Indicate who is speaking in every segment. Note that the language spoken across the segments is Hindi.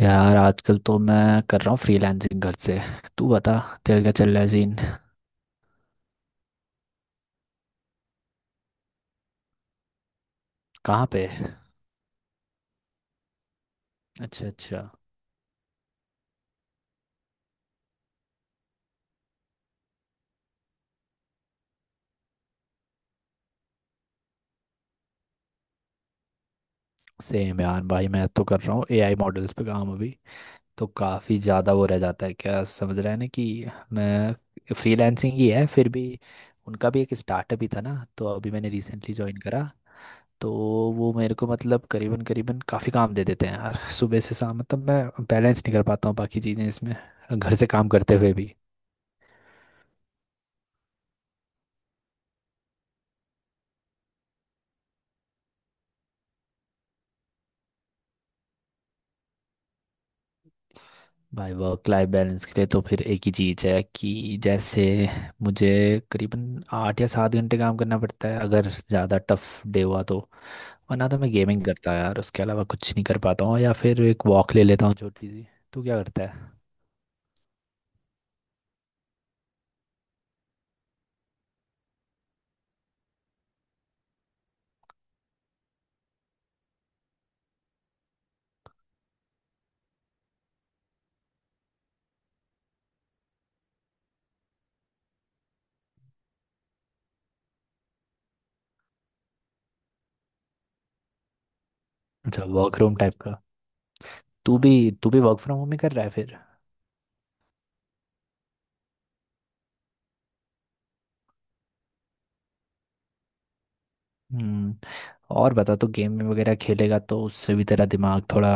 Speaker 1: यार आजकल तो मैं कर रहा हूँ फ्रीलांसिंग घर से। तू बता। तेरे क्या चल रहा है सीन? कहाँ पे? अच्छा अच्छा। सेम यार भाई मैं तो कर रहा हूँ एआई मॉडल्स पे काम अभी। तो काफ़ी ज़्यादा वो रह जाता है, क्या समझ रहा है ना कि मैं फ्रीलांसिंग ही है फिर भी। उनका भी एक स्टार्टअप ही था ना, तो अभी मैंने रिसेंटली ज्वाइन करा। तो वो मेरे को मतलब करीबन करीबन काफ़ी काम दे देते हैं यार, सुबह से शाम, मतलब मैं बैलेंस नहीं कर पाता हूँ बाकी चीज़ें इसमें, घर से काम करते हुए भी। भाई वर्क लाइफ बैलेंस के लिए तो फिर एक ही चीज़ है कि जैसे मुझे करीबन 8 या 7 घंटे काम करना पड़ता है अगर ज़्यादा टफ डे हुआ तो। वरना तो मैं गेमिंग करता यार, उसके अलावा कुछ नहीं कर पाता हूँ, या फिर एक वॉक ले लेता हूँ छोटी सी। तू क्या करता है? अच्छा, वर्क रूम टाइप का? तू भी तू भी वर्क फ्रॉम होम ही कर रहा है फिर? हम्म। और बता, तो गेम वगैरह खेलेगा तो उससे भी तेरा दिमाग थोड़ा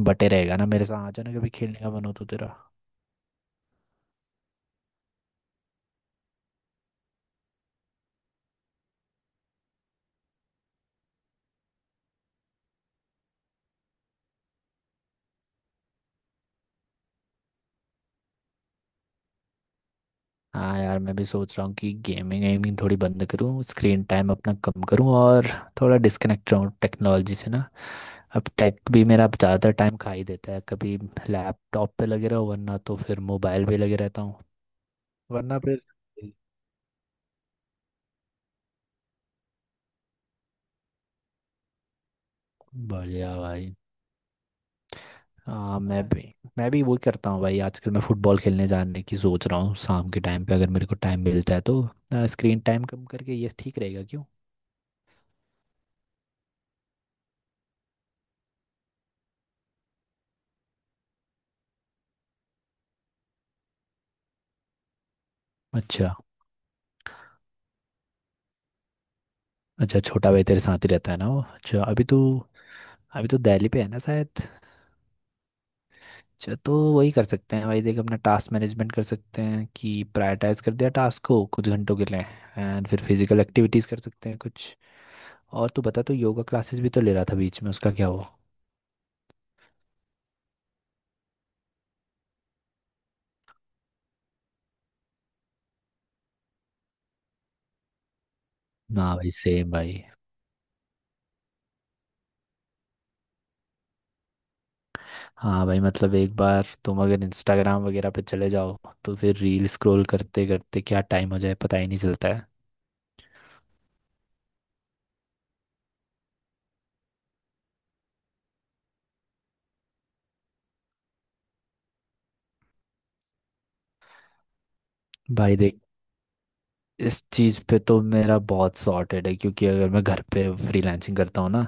Speaker 1: बटे रहेगा ना, मेरे साथ आ जाना कभी खेलने का मन हो तो तेरा। हाँ यार मैं भी सोच रहा हूँ कि गेमिंग वेमिंग थोड़ी बंद करूँ, स्क्रीन टाइम अपना कम करूँ, और थोड़ा डिस्कनेक्ट रहूँ टेक्नोलॉजी से ना। अब टेक भी मेरा ज़्यादा टाइम खा ही देता है, कभी लैपटॉप पे लगे रहो वरना तो फिर मोबाइल पे लगे रहता हूँ, वरना फिर। बढ़िया भाई। हाँ मैं भी वही करता हूँ भाई, आजकल मैं फुटबॉल खेलने जाने की सोच रहा हूँ शाम के टाइम पे, अगर मेरे को टाइम मिलता है तो। स्क्रीन टाइम कम करके ये ठीक रहेगा क्यों? अच्छा अच्छा। छोटा भाई तेरे साथ ही रहता है ना वो? अच्छा। अभी तो दिल्ली पे है ना शायद? अच्छा तो वही कर सकते हैं भाई, देख अपना टास्क मैनेजमेंट कर सकते हैं कि प्रायोरिटाइज कर दिया टास्क को कुछ घंटों के लिए। एंड फिर फिजिकल एक्टिविटीज कर सकते हैं कुछ। और तू बता, तो योगा क्लासेस भी तो ले रहा था बीच में, उसका क्या हुआ? हाँ भाई सेम भाई। हाँ भाई मतलब एक बार तुम अगर इंस्टाग्राम वगैरह पे चले जाओ तो फिर रील स्क्रॉल करते करते क्या टाइम हो जाए पता ही नहीं चलता है। भाई देख, इस चीज़ पे तो मेरा बहुत सॉर्टेड है क्योंकि अगर मैं घर पे फ्रीलांसिंग करता हूँ ना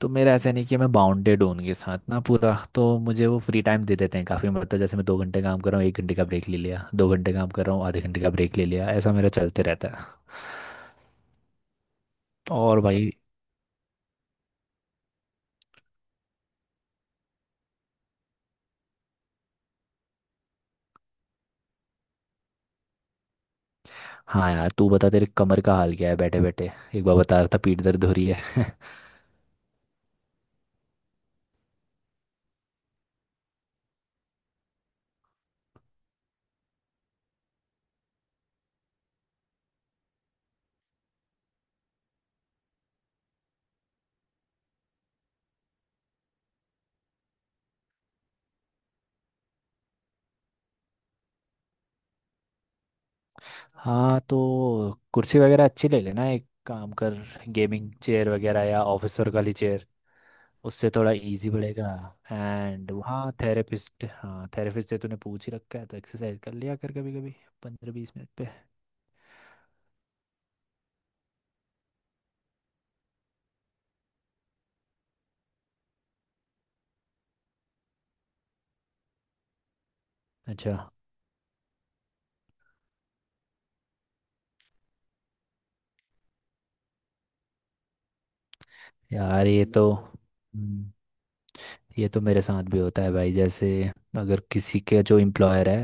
Speaker 1: तो मेरा ऐसा नहीं कि मैं बाउंडेड हूँ उनके साथ ना पूरा, तो मुझे वो फ्री टाइम दे देते हैं काफ़ी, मतलब जैसे मैं 2 घंटे काम कर रहा हूँ, 1 घंटे का ब्रेक ले लिया, 2 घंटे काम कर रहा हूँ, आधे घंटे का ब्रेक ले लिया, ऐसा मेरा चलते रहता है। और भाई। हाँ यार तू बता, तेरे कमर का हाल क्या है बैठे बैठे? एक बार बता रहा था पीठ दर्द हो रही है हाँ तो कुर्सी वगैरह अच्छी ले लेना एक काम कर, गेमिंग चेयर वगैरह या ऑफिसर वाली चेयर, उससे थोड़ा इजी पड़ेगा। एंड हाँ थेरेपिस्ट से तूने पूछ ही रखा है तो एक्सरसाइज कर लिया कर कभी कभी, 15-20 मिनट पे। अच्छा यार ये तो बिल्कुल ये तो मेरे साथ भी होता है भाई, जैसे अगर किसी के जो एम्प्लॉयर है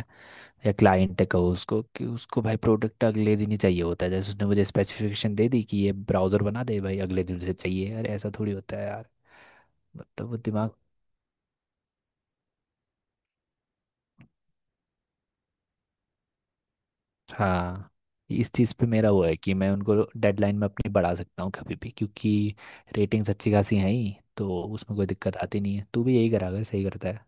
Speaker 1: या क्लाइंट है कहो, उसको कि उसको भाई प्रोडक्ट अगले दिन ही चाहिए होता है, जैसे उसने मुझे स्पेसिफिकेशन दे दी कि ये ब्राउज़र बना दे भाई अगले दिन से चाहिए यार ऐसा थोड़ी होता है यार। मतलब वो दिमाग। हाँ, इस चीज़ पे मेरा वो है कि मैं उनको डेडलाइन में अपनी बढ़ा सकता हूँ कभी भी, क्योंकि रेटिंग्स अच्छी खासी हैं ही तो उसमें कोई दिक्कत आती नहीं है, तू भी यही करा अगर सही करता है।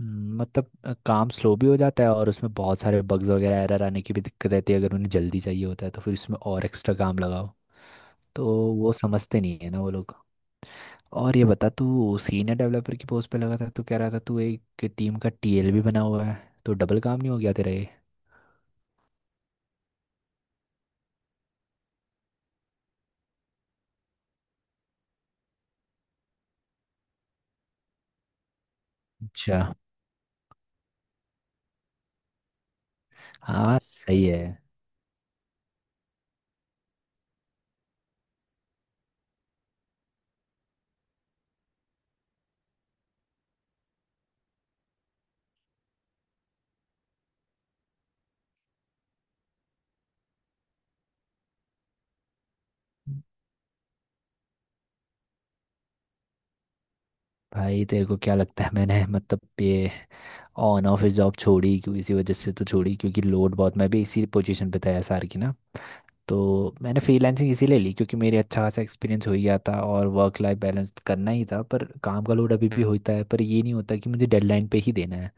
Speaker 1: मतलब काम स्लो भी हो जाता है और उसमें बहुत सारे बग्स वगैरह एरर आने की भी दिक्कत रहती है अगर उन्हें जल्दी चाहिए होता है तो फिर उसमें और एक्स्ट्रा काम लगाओ। तो वो समझते नहीं है ना वो लोग। और ये बता तू सीनियर डेवलपर की पोस्ट पे लगा था, तू कह रहा था तू एक टीम का टीएल भी बना हुआ है, तो डबल काम नहीं हो गया तेरा ये? अच्छा। हाँ सही है। भाई तेरे को क्या लगता है मैंने मतलब ये ऑन ऑफिस जॉब छोड़ी क्यों, इसी वजह से तो छोड़ी क्योंकि लोड बहुत, मैं भी इसी पोजीशन पे था एसआर की ना। तो मैंने फ्रीलांसिंग इसीलिए ली क्योंकि मेरे अच्छा खासा एक्सपीरियंस हो ही गया था और वर्क लाइफ बैलेंस करना ही था, पर काम का लोड अभी भी होता है, पर ये नहीं होता कि मुझे डेडलाइन पे ही देना है।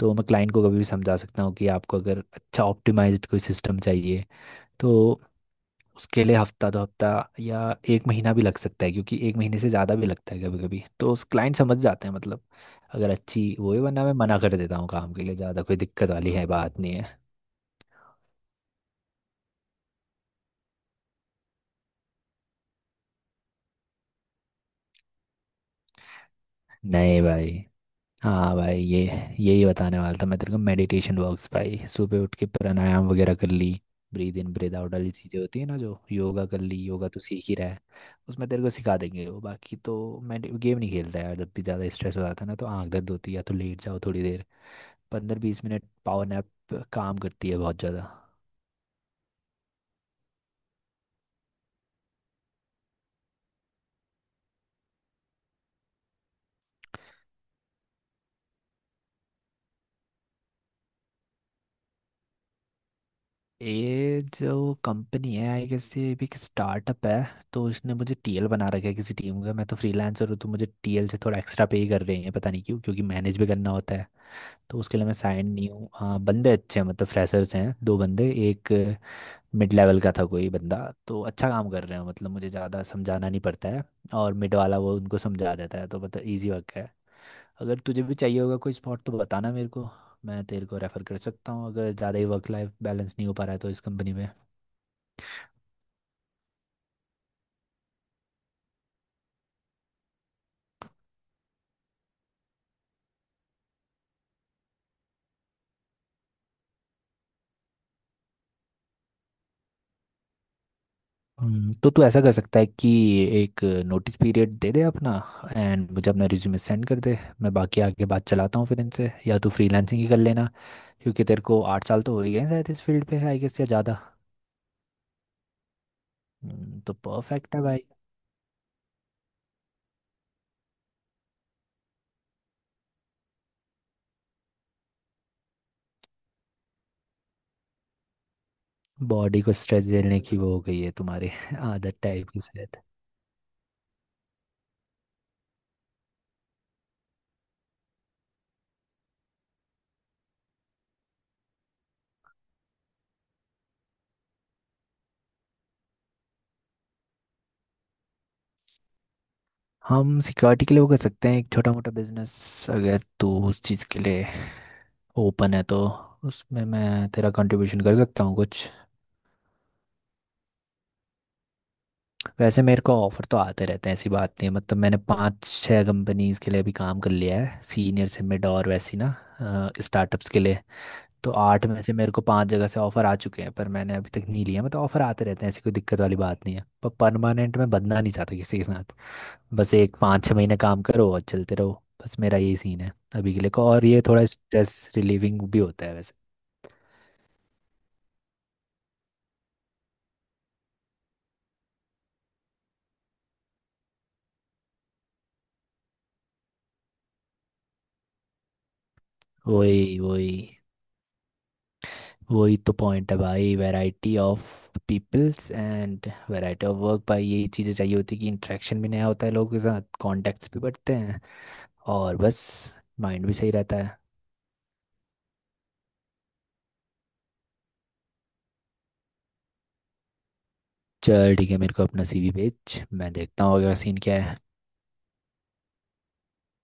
Speaker 1: तो मैं क्लाइंट को कभी भी समझा सकता हूँ कि आपको अगर अच्छा ऑप्टिमाइज्ड कोई सिस्टम चाहिए तो उसके लिए हफ्ता दो हफ्ता या एक महीना भी लग सकता है, क्योंकि एक महीने से ज़्यादा भी लगता है कभी कभी, तो उस क्लाइंट समझ जाते हैं मतलब, अगर अच्छी वो है, वरना मैं मना कर देता हूँ काम के लिए, ज़्यादा कोई दिक्कत वाली है बात नहीं है। नहीं भाई। हाँ भाई ये यही बताने वाला था मैं तेरे को मेडिटेशन वर्क्स भाई, सुबह उठ के प्राणायाम वगैरह कर ली। ब्रीद इन ब्रीद आउट वाली चीज़ें होती है ना, जो योगा कर ली, योगा तो सीख ही रहा है। उसमें तेरे को सिखा देंगे वो। बाकी तो मैं गेम नहीं खेलता यार, जब भी ज़्यादा स्ट्रेस हो जाता है ना तो आंख दर्द होती है या तो लेट जाओ थोड़ी देर, 15-20 मिनट पावर नैप काम करती है बहुत ज़्यादा। ये जो कंपनी है आई गेस ये भी एक स्टार्टअप है, तो इसने मुझे टीएल बना रखा है किसी टीम का, मैं तो फ्रीलांसर हूँ तो मुझे टीएल से थोड़ा एक्स्ट्रा पे ही कर रहे हैं पता नहीं क्यों, क्योंकि मैनेज भी करना होता है, तो उसके लिए मैं साइन नहीं हूँ। हाँ बंदे अच्छे हैं मतलब फ्रेशर्स हैं 2 बंदे, एक मिड लेवल का था कोई बंदा, तो अच्छा काम कर रहे हैं, मतलब मुझे ज़्यादा समझाना नहीं पड़ता है और मिड वाला वो उनको समझा देता है, तो मतलब ईजी वर्क है। अगर तुझे भी चाहिए होगा कोई स्पॉट तो बताना मेरे को, मैं तेरे को रेफर कर सकता हूँ अगर ज़्यादा ही वर्क लाइफ बैलेंस नहीं हो पा रहा है तो इस कंपनी में। तो तू ऐसा कर सकता है कि एक नोटिस पीरियड दे दे अपना, एंड मुझे अपना रिज्यूमे सेंड कर दे, मैं बाकी आगे बात चलाता हूँ फिर इनसे, या तू फ्रीलांसिंग ही कर लेना क्योंकि तेरे को 8 साल तो हो ही गए हैं शायद इस फील्ड पे आई गेस या ज़्यादा। तो परफेक्ट है भाई। बॉडी को स्ट्रेस झेलने की वो हो गई है तुम्हारी आदत टाइप की शायद। हम सिक्योरिटी के लिए वो कर सकते हैं एक छोटा मोटा बिजनेस, अगर तू उस चीज़ के लिए ओपन है तो उसमें मैं तेरा कंट्रीब्यूशन कर सकता हूँ कुछ। वैसे मेरे को ऑफर तो आते रहते हैं ऐसी बात नहीं है, मतलब मैंने 5-6 कंपनीज के लिए अभी काम कर लिया है, सीनियर से मिड और वैसी ना, स्टार्टअप्स के लिए। तो 8 में से मेरे को 5 जगह से ऑफर आ चुके हैं, पर मैंने अभी तक नहीं लिया, मतलब ऑफर आते रहते हैं ऐसी कोई दिक्कत वाली बात नहीं है, पर परमानेंट मैं बदना नहीं चाहता किसी के साथ। बस एक 5-6 महीने काम करो और चलते रहो, बस मेरा यही सीन है अभी के लिए को, और ये थोड़ा स्ट्रेस रिलीविंग भी होता है वैसे। वही वही वही तो पॉइंट है भाई, variety of peoples and variety of work भाई यही चीज़ें चाहिए होती है कि इंटरेक्शन भी नया होता है लोगों के साथ, कॉन्टेक्ट्स भी बढ़ते हैं, और बस माइंड भी सही रहता है। चल ठीक है, मेरे को अपना सीवी भेज मैं देखता हूँ अगला सीन क्या है।